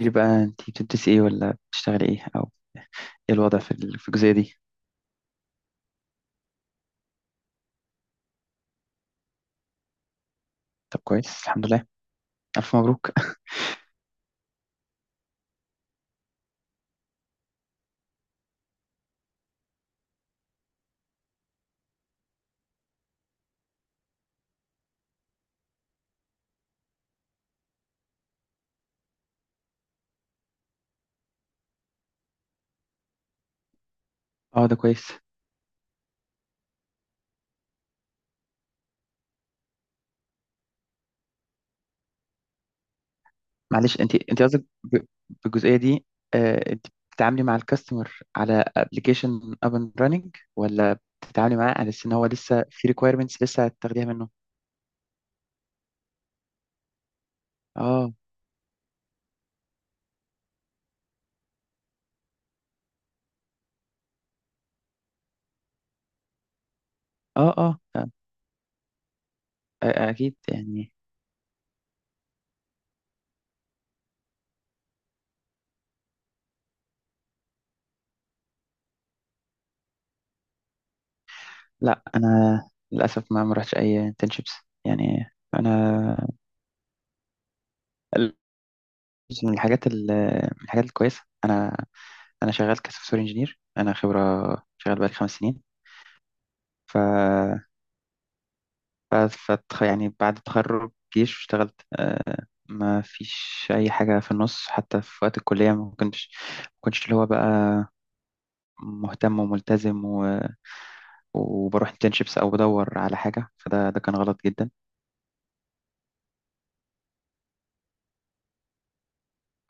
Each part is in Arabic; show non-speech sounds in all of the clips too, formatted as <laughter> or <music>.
لي بقى، انتي بتدرسي ايه ولا بتشتغلي ايه، او ايه الوضع في الجزئيه دي؟ طب كويس، الحمد لله. الف مبروك. <laughs> اه، ده كويس. معلش، انتي قصدك بالجزئيه دي؟ انتي بتتعاملي مع الكاستمر على ابلكيشن اب اند راننج، ولا بتتعاملي معاه على اساس ان هو لسه في ريكويرمنتس لسه هتاخديها منه؟ اه اه اه آه، اكيد يعني. لا انا للاسف ما رحتش اي انترنشيبس، يعني انا. من الحاجات ال- من الحاجات الكويسه، انا شغال كسوفت وير انجينير، انا خبره، شغال بقالي 5 سنين. ف يعني بعد التخرج جيش اشتغلت، ما فيش اي حاجه في النص، حتى في وقت الكليه ما كنتش اللي هو بقى مهتم وملتزم وبروح انترنشيبس او بدور على حاجه، فده كان غلط جدا.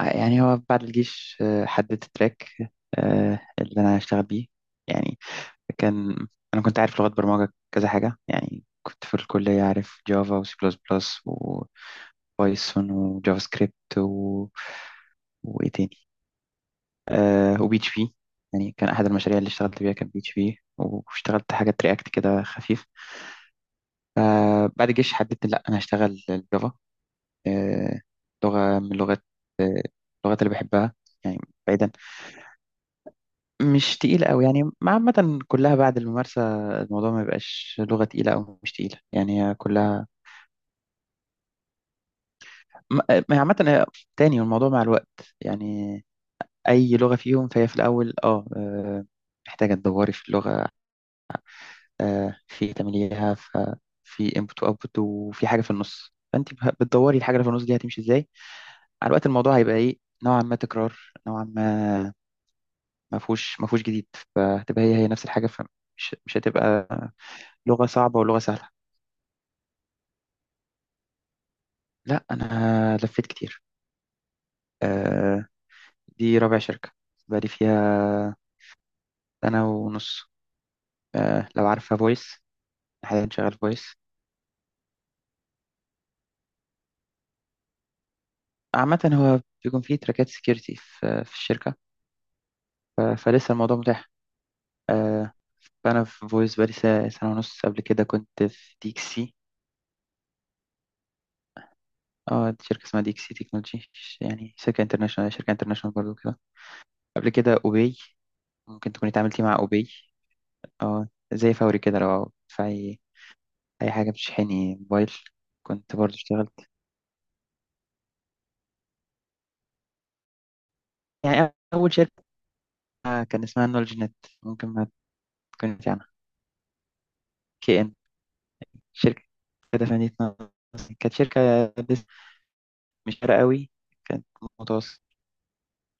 يعني هو بعد الجيش حددت التراك اللي انا هشتغل بيه. يعني كان انا كنت عارف لغات برمجه كذا حاجه، يعني كنت في الكليه عارف جافا وسي بلس بلس وبايثون وجافا سكريبت وايه تاني؟ وبي اتش بي. يعني كان احد المشاريع اللي اشتغلت بيها كان بي اتش بي، واشتغلت حاجات رياكت كده خفيف. بعد الجيش حددت، لا انا هشتغل الجافا. آه لغه من لغات آه اللغات اللي بحبها، يعني بعيدا. مش تقيلة أوي، يعني ما عامة كلها بعد الممارسة، الموضوع ما بيبقاش لغة تقيلة أو مش تقيلة، يعني هي كلها. ما ما هي عامة، تاني الموضوع مع الوقت، يعني. أي لغة فيهم فهي في الأول أه آه، محتاجة تدوري في اللغة، في تمليها، في input و output، وفي حاجة في النص فأنت بتدوري الحاجة اللي في النص دي هتمشي إزاي. مع الوقت الموضوع هيبقى إيه؟ نوعا ما تكرار، نوعا ما ما فيهوش جديد. فهتبقى هي هي نفس الحاجة، فمش مش هتبقى لغة صعبة ولغة سهلة. لا انا لفيت كتير. آه دي رابع شركه بقالي فيها سنه ونص. لو عارفه فويس، حاليا شغال فويس. عامه هو بيكون فيه تراكات سكيورتي في الشركه. فلسه الموضوع متاح آه فانا في فويس بقالي سنه ونص. قبل كده كنت في ديكسي. اه، دي شركه اسمها ديكسي تكنولوجي، يعني شركه انترناشونال، شركه انترناشونال برضو كده. قبل كده اوبي، ممكن تكوني اتعاملتي مع اوبي. اه زي فوري كده لو تدفعي اي حاجه بتشحني موبايل. كنت برضو اشتغلت. يعني اول شركه كان اسمها نولج نت، ممكن ما تكونش عنها. كي ان، شركه كده فنيت نص. كانت شركه لسه مش فارقه قوي، كانت متوسط.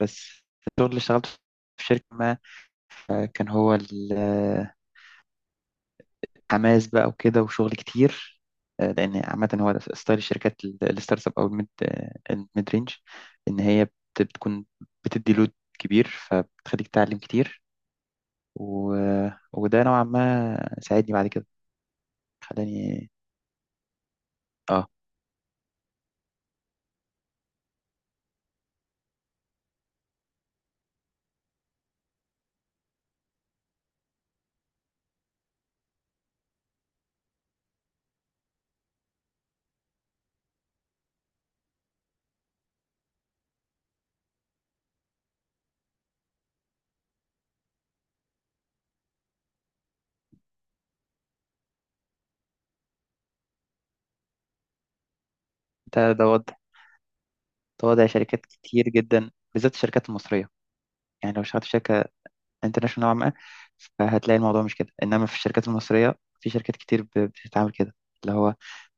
بس الشغل اللي اشتغلته في شركه ما، كان هو الحماس بقى وكده وشغل كتير. لان عامه هو ده ستايل الشركات الستارت اب او الميد، الميد رينج. ان هي بتكون بتدي لود كبير، فبتخليك تتعلم كتير و... وده نوعا ما ساعدني بعد كده، خلاني. اه، ده ده وضع ده وضع شركات كتير جدا، بالذات الشركات المصرية. يعني لو اشتغلت في شركة انترناشونال نوعا ما فهتلاقي الموضوع مش كده، انما في الشركات المصرية في شركات كتير بتتعامل كده، اللي هو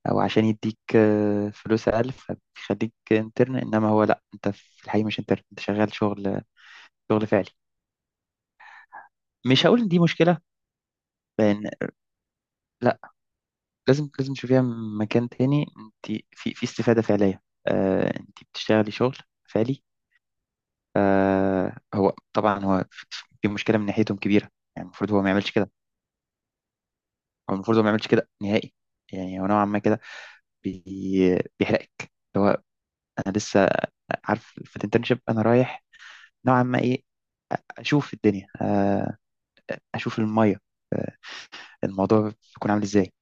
او عشان يديك فلوس اقل فبيخليك انترن، انما هو لا، انت في الحقيقة مش انترن، انت شغال شغل، شغل فعلي. مش هقول ان دي مشكلة، لان لازم لازم تشوفيها من مكان تاني، انت في استفادة فعلية، انت بتشتغلي شغل فعلي. هو طبعا، هو في مشكلة من ناحيتهم كبيرة. يعني المفروض هو ما يعملش كده. هو المفروض هو ما يعملش كده نهائي. يعني هو نوعا ما كده بي بيحرقك، اللي هو. انا لسه عارف في الانترنشيب انا رايح نوعا ما ايه، اشوف الدنيا اشوف المية، آه الموضوع بيكون عامل ازاي.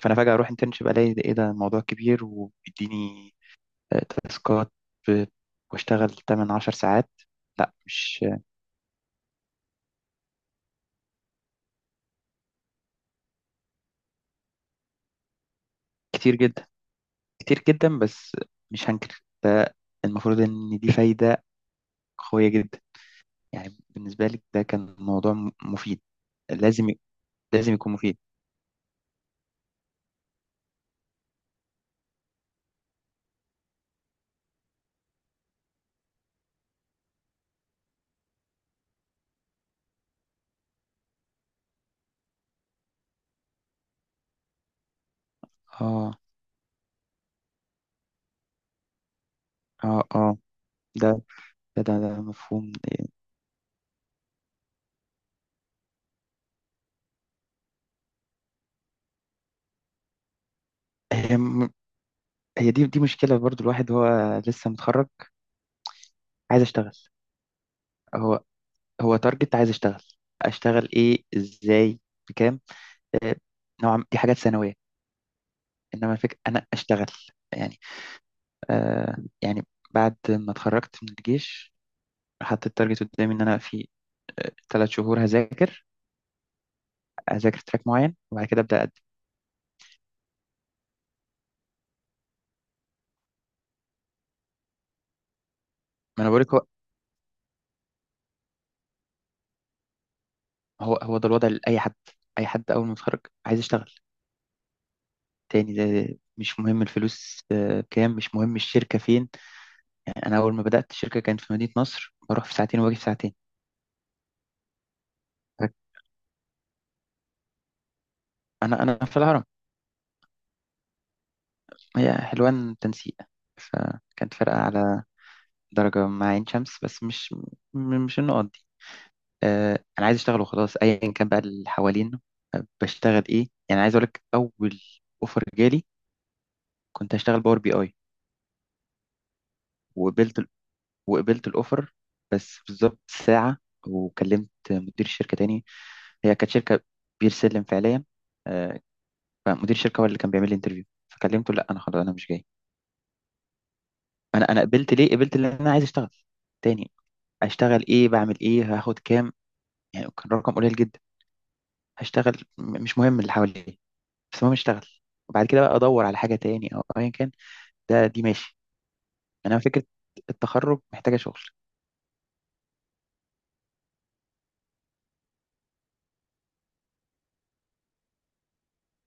فانا فجأة اروح انترنشيب الاقي ايه ده، الموضوع كبير وبيديني تاسكات، ب- واشتغل 8 10 ساعات. لا، مش كتير جدا، كتير جدا، بس مش هنكر ده، المفروض ان دي فايدة قوية جدا. يعني بالنسبة لي ده كان موضوع مفيد. لازم ي- لازم يكون مفيد. اه اه اه ده ده مفهوم. هي م- هي دي مشكلة برضو، الواحد هو لسه متخرج، عايز اشتغل. هو هو تارجت، عايز اشتغل. اشتغل ايه ازاي بكام؟ آه، نوعا دي حاجات ثانوية، انما الفكره انا اشتغل. يعني بعد ما اتخرجت من الجيش حطيت التارجت قدامي، ان انا في 3 شهور هذاكر هذاكر تراك معين، وبعد كده ابدا اقدم. ما انا بقولك، هو ده الوضع لاي حد. اي حد اول ما يتخرج عايز يشتغل تاني، ده مش مهم الفلوس كام، مش مهم الشركه فين. يعني انا اول ما بدات الشركه كانت في مدينه نصر، بروح في ساعتين واجي في ساعتين. انا في الهرم. هي حلوان تنسيق، فكانت فرقه على درجه مع عين شمس، بس مش مش النقط. انا عايز اشتغل وخلاص، ايا كان بقى اللي حوالينا، بشتغل ايه. يعني عايز اقول لك، اول اوفر جالي كنت هشتغل باور بي اي. وقبلت ال- وقبلت الاوفر، بس بالظبط ساعه وكلمت مدير الشركه تاني. هي كانت شركه بير سلم فعليا، آه، فمدير الشركه هو اللي كان بيعمل لي انترفيو. فكلمته، لا انا خلاص، انا مش جاي. انا قبلت، ليه قبلت؟ لان انا عايز اشتغل تاني. اشتغل ايه بعمل ايه هاخد كام؟ يعني كان رقم قليل جدا، هشتغل مش مهم اللي حواليا، بس المهم اشتغل. وبعد كده بقى ادور على حاجه تاني او ايا كان. دي ماشي. انا فكره التخرج محتاجه شغل.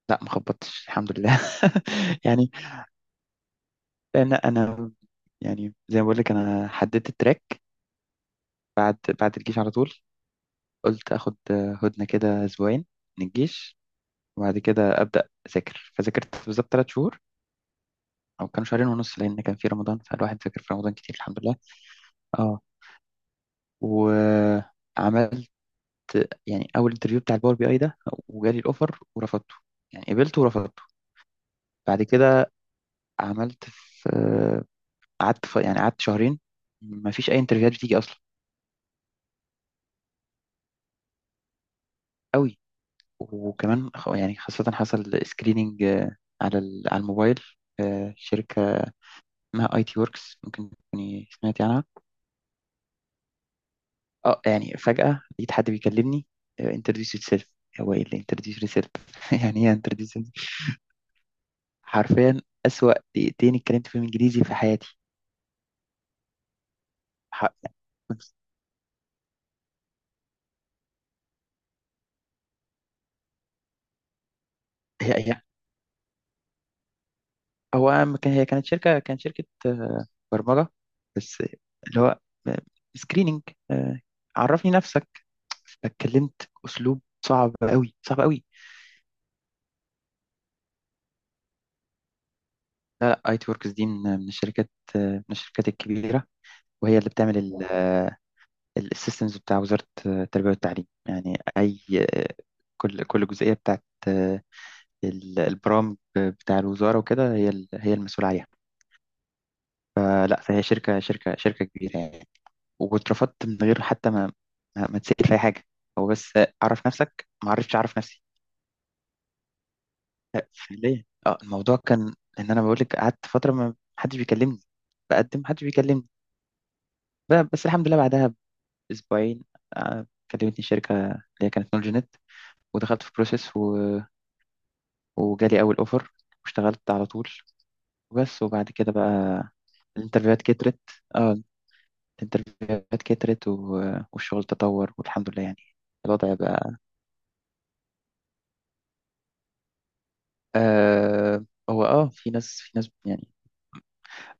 لا ما خبطتش، الحمد لله. <laughs> يعني، لان انا، يعني زي ما بقول لك انا حددت التراك بعد الجيش على طول. قلت اخد هدنه كده اسبوعين من الجيش، وبعد كده ابدا اذاكر. فذاكرت بالظبط 3 شهور، او كانوا شهرين ونص لان كان في رمضان، فالواحد ذاكر في رمضان كتير الحمد لله. اه و يعني اول انترفيو بتاع الباور بي اي ده، وجالي الاوفر ورفضته. يعني قبلته ورفضته. بعد كده عملت في قعدت في يعني قعدت شهرين، ما فيش اي انترفيوهات بتيجي اصلا. قوي. وكمان يعني خاصة حصل سكريننج على الموبايل. شركة اسمها اي تي وركس، ممكن تكوني سمعتي عنها. اه، يعني فجأة لقيت حد بيكلمني، انتروديوس يور سيلف. هو ايه اللي انتروديوس يور سيلف؟ <laughs> يعني ايه انتروديوس؟ حرفيا أسوأ دقيقتين اتكلمت فيهم انجليزي في حياتي. ح- هي هي هو ما كان هي كانت شركة برمجة بس. اللي هو سكريننج، عرفني نفسك، اتكلمت اسلوب صعب قوي، صعب قوي. لا لا، اي تي وركس دي من من الشركات آه، من الشركات الكبيرة. وهي اللي بتعمل السيستمز بتاع وزارة التربية والتعليم، يعني اي. آه، كل جزئية بتاعت البرامج بتاع الوزارة، وكده هي المسؤولة عليها. فلا، فهي شركة كبيرة يعني. واترفضت من غير حتى ما تسأل في أي حاجة. هو بس أعرف نفسك، ما عرفتش أعرف نفسي. فعليا الموضوع كان إن أنا بقول لك، قعدت فترة ما حدش بيكلمني، بقدم محدش بيكلمني. بس الحمد لله بعدها بأسبوعين كلمتني شركة اللي هي كانت نولجينيت، ودخلت في بروسيس وجالي أول أوفر، واشتغلت على طول. وبس، وبعد كده بقى الانترفيوهات كترت. اه، الانترفيوهات كترت والشغل تطور، والحمد لله، يعني الوضع بقى. آه هو اه في ناس، في ناس، يعني.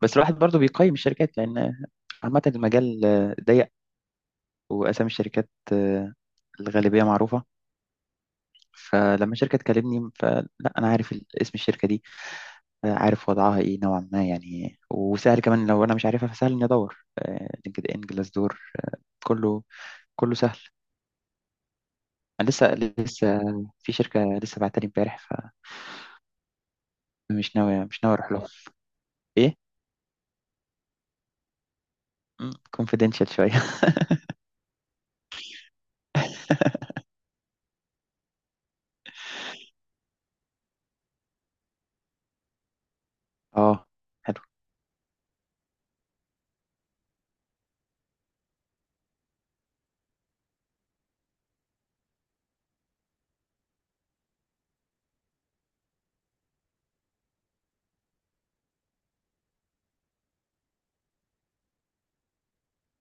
بس الواحد برضو بيقيم الشركات، لان عامة المجال ضيق، واسامي الشركات الغالبية معروفة. فلما شركة تكلمني فلا، أنا عارف اسم الشركة دي، عارف وضعها إيه نوعا ما يعني. وسهل كمان لو أنا مش عارفها فسهل إني أدور، لينكد إن، جلاس دور، كله كله سهل. أنا لسه في شركة لسه بعتني امبارح، فمش ناوي مش ناوي أروح لهم. إيه؟ كونفيدنشال شوية. <laughs> أه، حلو.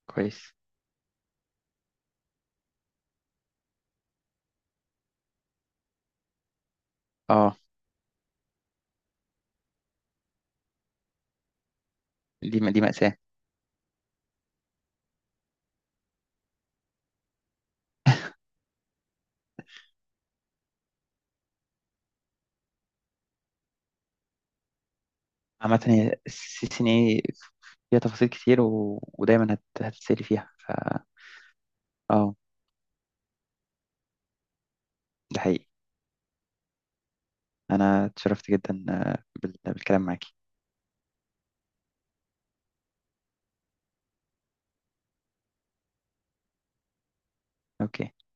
كويس. اه، دي دي مأساة. عامة هي السي سي ان اي فيها تفاصيل كتير ودايما هتتسألي فيها. ف اه ده حقيقي. انا اتشرفت جدا بالكلام معاكي. اوكي.